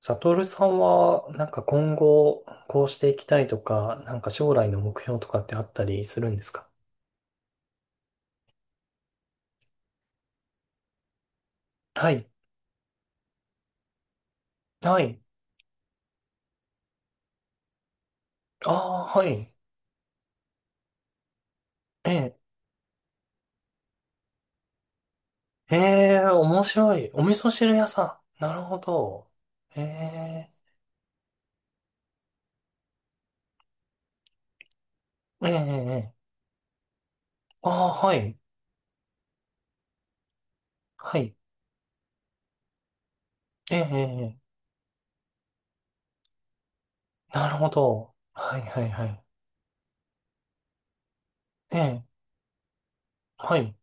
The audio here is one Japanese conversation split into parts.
サトルさんは、なんか今後、こうしていきたいとか、なんか将来の目標とかってあったりするんですか？はい。はい。ああ、はい。ええ。ええ、面白い。お味噌汁屋さん。なるほど。ええ、ええ、ええ。ああ、はい。はい。ええ、ええ。なるほど。はい、はい、はい。ええ、はい。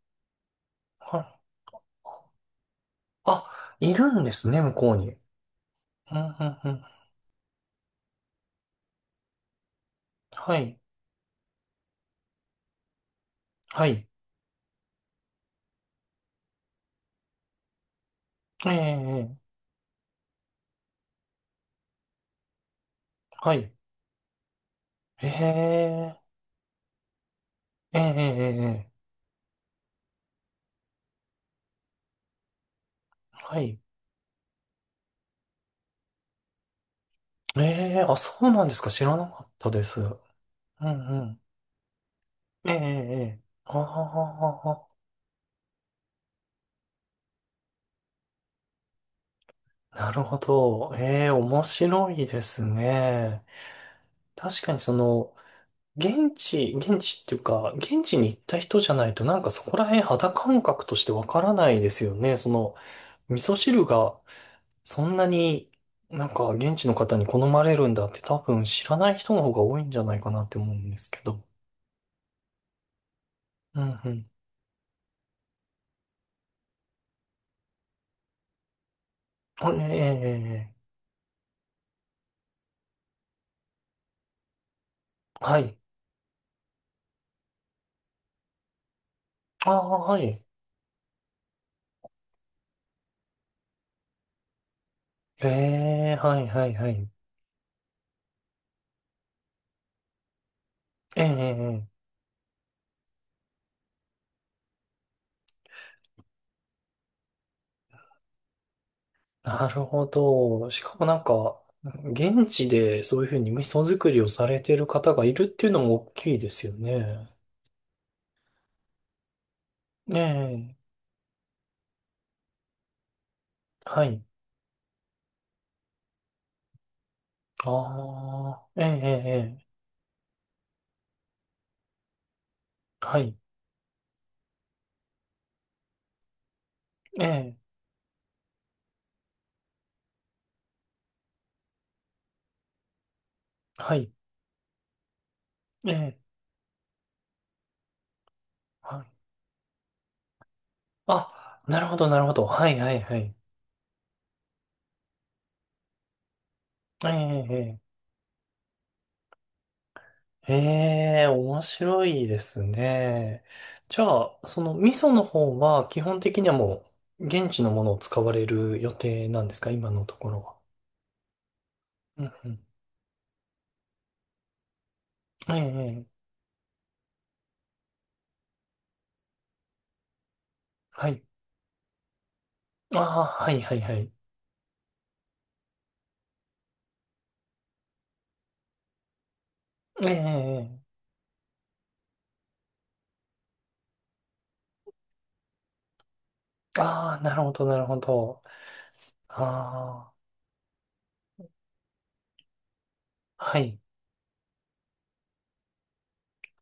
はい。あ、いるんですね、向こうに。うん、うん、うん。はい。はい。ええ、ええ。はい。ええ。ええ、ええ、ええ、はい。ええ、あ、そうなんですか。知らなかったです。うんうん。ええ、ええ、ええああ、なるほど。ええ、面白いですね。確かにその、現地っていうか、現地に行った人じゃないと、なんかそこら辺肌感覚としてわからないですよね。その、味噌汁がそんなになんか現地の方に好まれるんだって多分知らない人の方が多いんじゃないかなって思うんですけど。うんうんあ、ええ、ええ、ええはい。ああ、はい。ええ、はい、はい、はい。ええ、ええええなるほど。しかもなんか、現地でそういうふうに味噌作りをされてる方がいるっていうのも大きいですよね。ええ、はい。ああ、ええ、ええ、ええはい。ええ、はい。ええ、はい。あ、なるほど、なるほど。はい、はい、はい。ええ、ええええ、面白いですね。じゃあ、その味噌の方は基本的にはもう現地のものを使われる予定なんですか、今のところは？うんうん。ええ、はい。ああ、はいはいはい。ええええああ、なるほどなるほど。ああ、はい。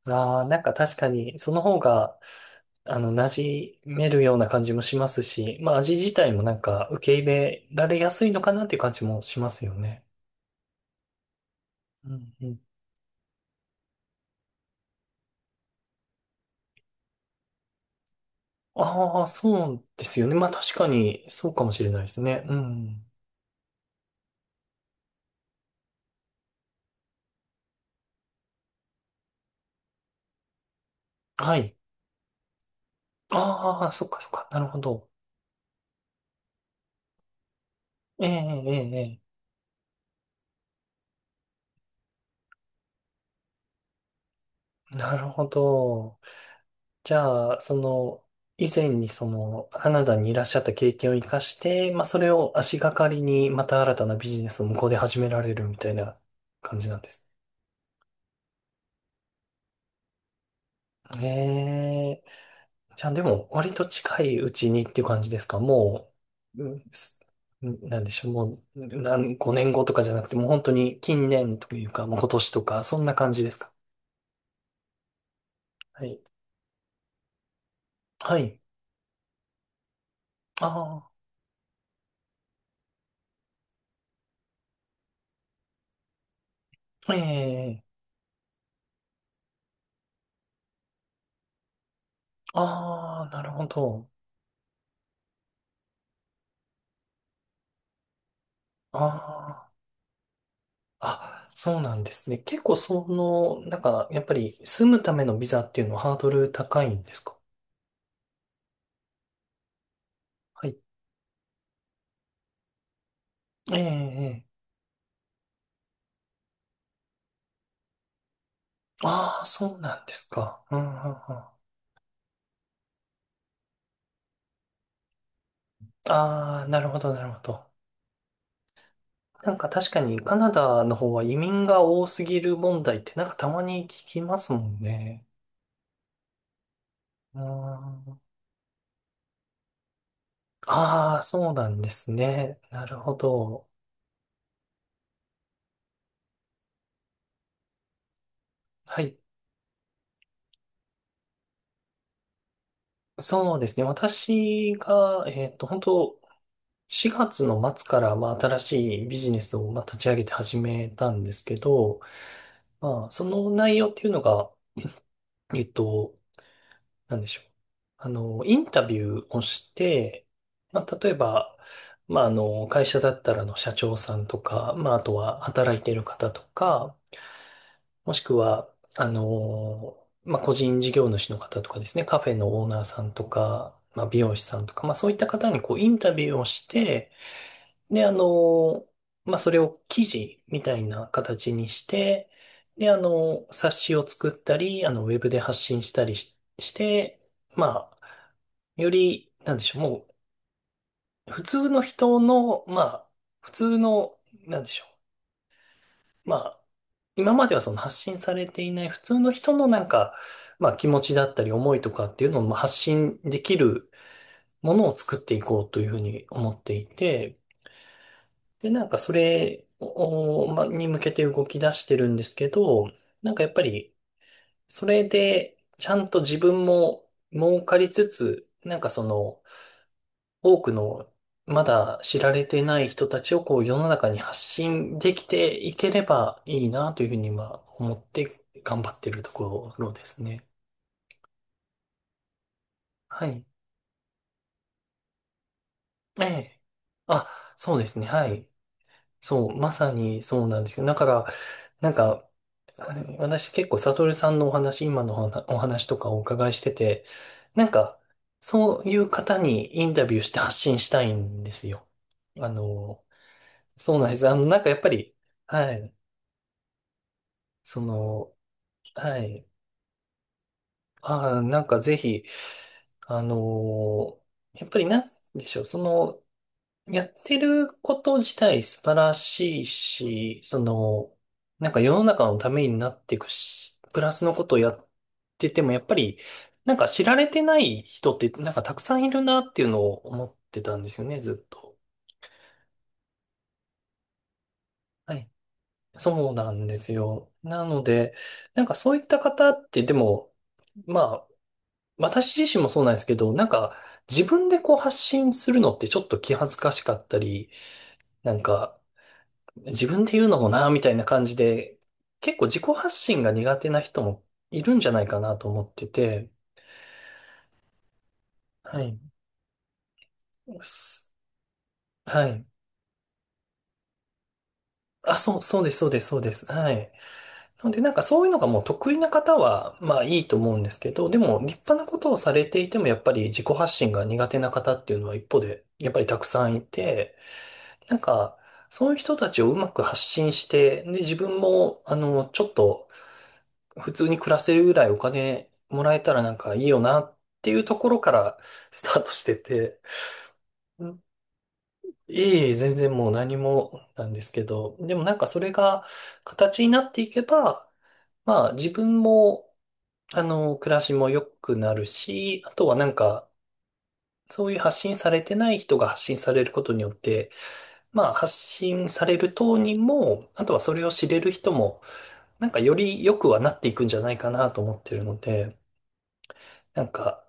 ああ、なんか確かにその方が、あの、馴染めるような感じもしますし、まあ味自体もなんか受け入れられやすいのかなっていう感じもしますよね。うんうんああ、そうですよね。まあ確かに、そうかもしれないですね。うん。はい。ああ、そっかそっか。なるほど。ええ、ええ、ええ。なるほど。じゃあ、その、以前にその、カナダにいらっしゃった経験を生かして、まあそれを足がかりに、また新たなビジネスを向こうで始められるみたいな感じなんです。ええ。じゃあでも、割と近いうちにっていう感じですかもう、うんすんなんでしょう、もう、何、5年後とかじゃなくて、もう本当に近年というか、もう今年とか、そんな感じですか？はい。はい。ああ、ええああ、なるほど。ああ、あ、そうなんですね。結構その、なんか、やっぱり住むためのビザっていうのはハードル高いんですか？はい。ええええああ、そうなんですか。うんうんうん。ああ、なるほど、なるほど。なんか確かにカナダの方は移民が多すぎる問題ってなんかたまに聞きますもんね。うーん。ああ、そうなんですね。なるほど。はい。そうですね。私が、本当4月の末から、まあ、新しいビジネスを、まあ、立ち上げて始めたんですけど、まあ、その内容っていうのが、えっと、なんでしょう。あの、インタビューをして、まあ、例えば、まあ、あの、会社だったらあの社長さんとか、まあ、あとは働いている方とか、もしくは、あの、まあ、個人事業主の方とかですね、カフェのオーナーさんとか、まあ、美容師さんとか、まあ、そういった方にこう、インタビューをして、で、あの、まあ、それを記事みたいな形にして、で、あの、冊子を作ったり、あの、ウェブで発信したりし、して、まあ、より、なんでしょう、もう、普通の人の、まあ、普通の、なんでしょう、まあ、今まではその発信されていない普通の人のなんか、まあ気持ちだったり思いとかっていうのをまあ発信できるものを作っていこうというふうに思っていて、で、なんかそれを、まあ、に向けて動き出してるんですけど、なんかやっぱり、それで、ちゃんと自分も儲かりつつ、なんかその、多くのまだ知られてない人たちをこう世の中に発信できていければいいなというふうには思って頑張ってるところですね。はい。ええ。あ、そうですね。はい。そう、まさにそうなんですよ。だから、なんか、はい、私結構サトルさんのお話、今のお話とかお伺いしてて、なんか、そういう方にインタビューして発信したいんですよ。あの、そうなんです。あの、なんかやっぱり、はい。その、はい。ああ、なんかぜひ、あのーやっぱりなんでしょう、その、やってること自体素晴らしいし、その、なんか世の中のためになっていくし、プラスのことをやってても、やっぱり、なんか知られてない人って、なんかたくさんいるなっていうのを思ってたんですよね、ずっと。はい。そうなんですよ。なので、なんかそういった方って、でも、まあ、私自身もそうなんですけど、なんか自分でこう発信するのってちょっと気恥ずかしかったり、なんか自分で言うのもなみたいな感じで、結構自己発信が苦手な人もいるんじゃないかなと思ってて、はい。すはい。あ、そう、そうです、そうです、そうです。はい。なので、なんかそういうのがもう得意な方は、まあいいと思うんですけど、でも立派なことをされていても、やっぱり自己発信が苦手な方っていうのは一方で、やっぱりたくさんいて、なんか、そういう人たちをうまく発信して、で、自分も、あの、ちょっと、普通に暮らせるぐらいお金もらえたらなんかいいよなっていうところからスタートしてて、うんいいえ、全然もう何もなんですけど、でもなんかそれが形になっていけば、まあ自分も、あの、暮らしも良くなるし、あとはなんか、そういう発信されてない人が発信されることによって、まあ、発信される当人も、あとはそれを知れる人も、なんかより良くはなっていくんじゃないかなと思ってるので、なんか、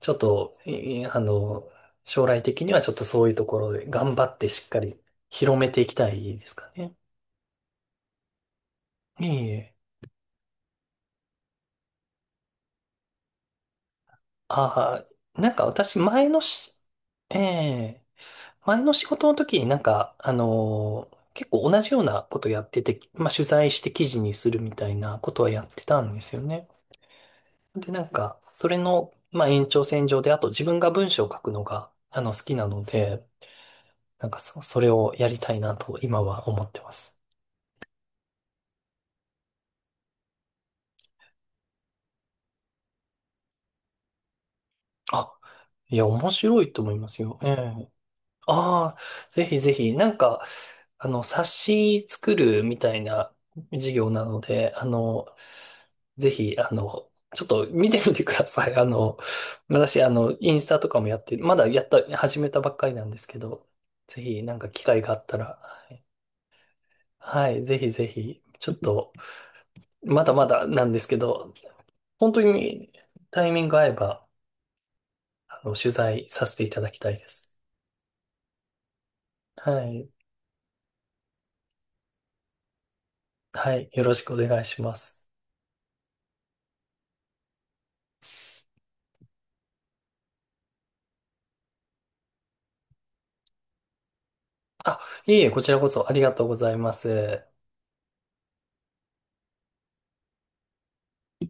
ちょっと、いあの、将来的にはちょっとそういうところで頑張ってしっかり広めていきたいですかね。ええ。ああ、なんか私前のし、ええ、前の仕事の時になんか、あのー結構同じようなことやってて、まあ取材して記事にするみたいなことはやってたんですよね。で、なんか、それの、まあ、延長線上で、あと自分が文章を書くのが、あの、好きなので、なんかそ、それをやりたいなと、今は思ってます。あ、いや、面白いと思いますよ。ええ。ああ、ぜひ、なんか、あの、冊子作るみたいな授業なので、あの、ぜひ、あの、ちょっと見てみてください。あの、私、あの、インスタとかもやって、まだやった、始めたばっかりなんですけど、ぜひ、なんか機会があったら、はいはい、ぜひ、ちょっと、まだまだなんですけど、本当にタイミング合えば、あの、取材させていただきたいです。はい、はい、よろしくお願いします。あ、いえいえ、こちらこそありがとうございます。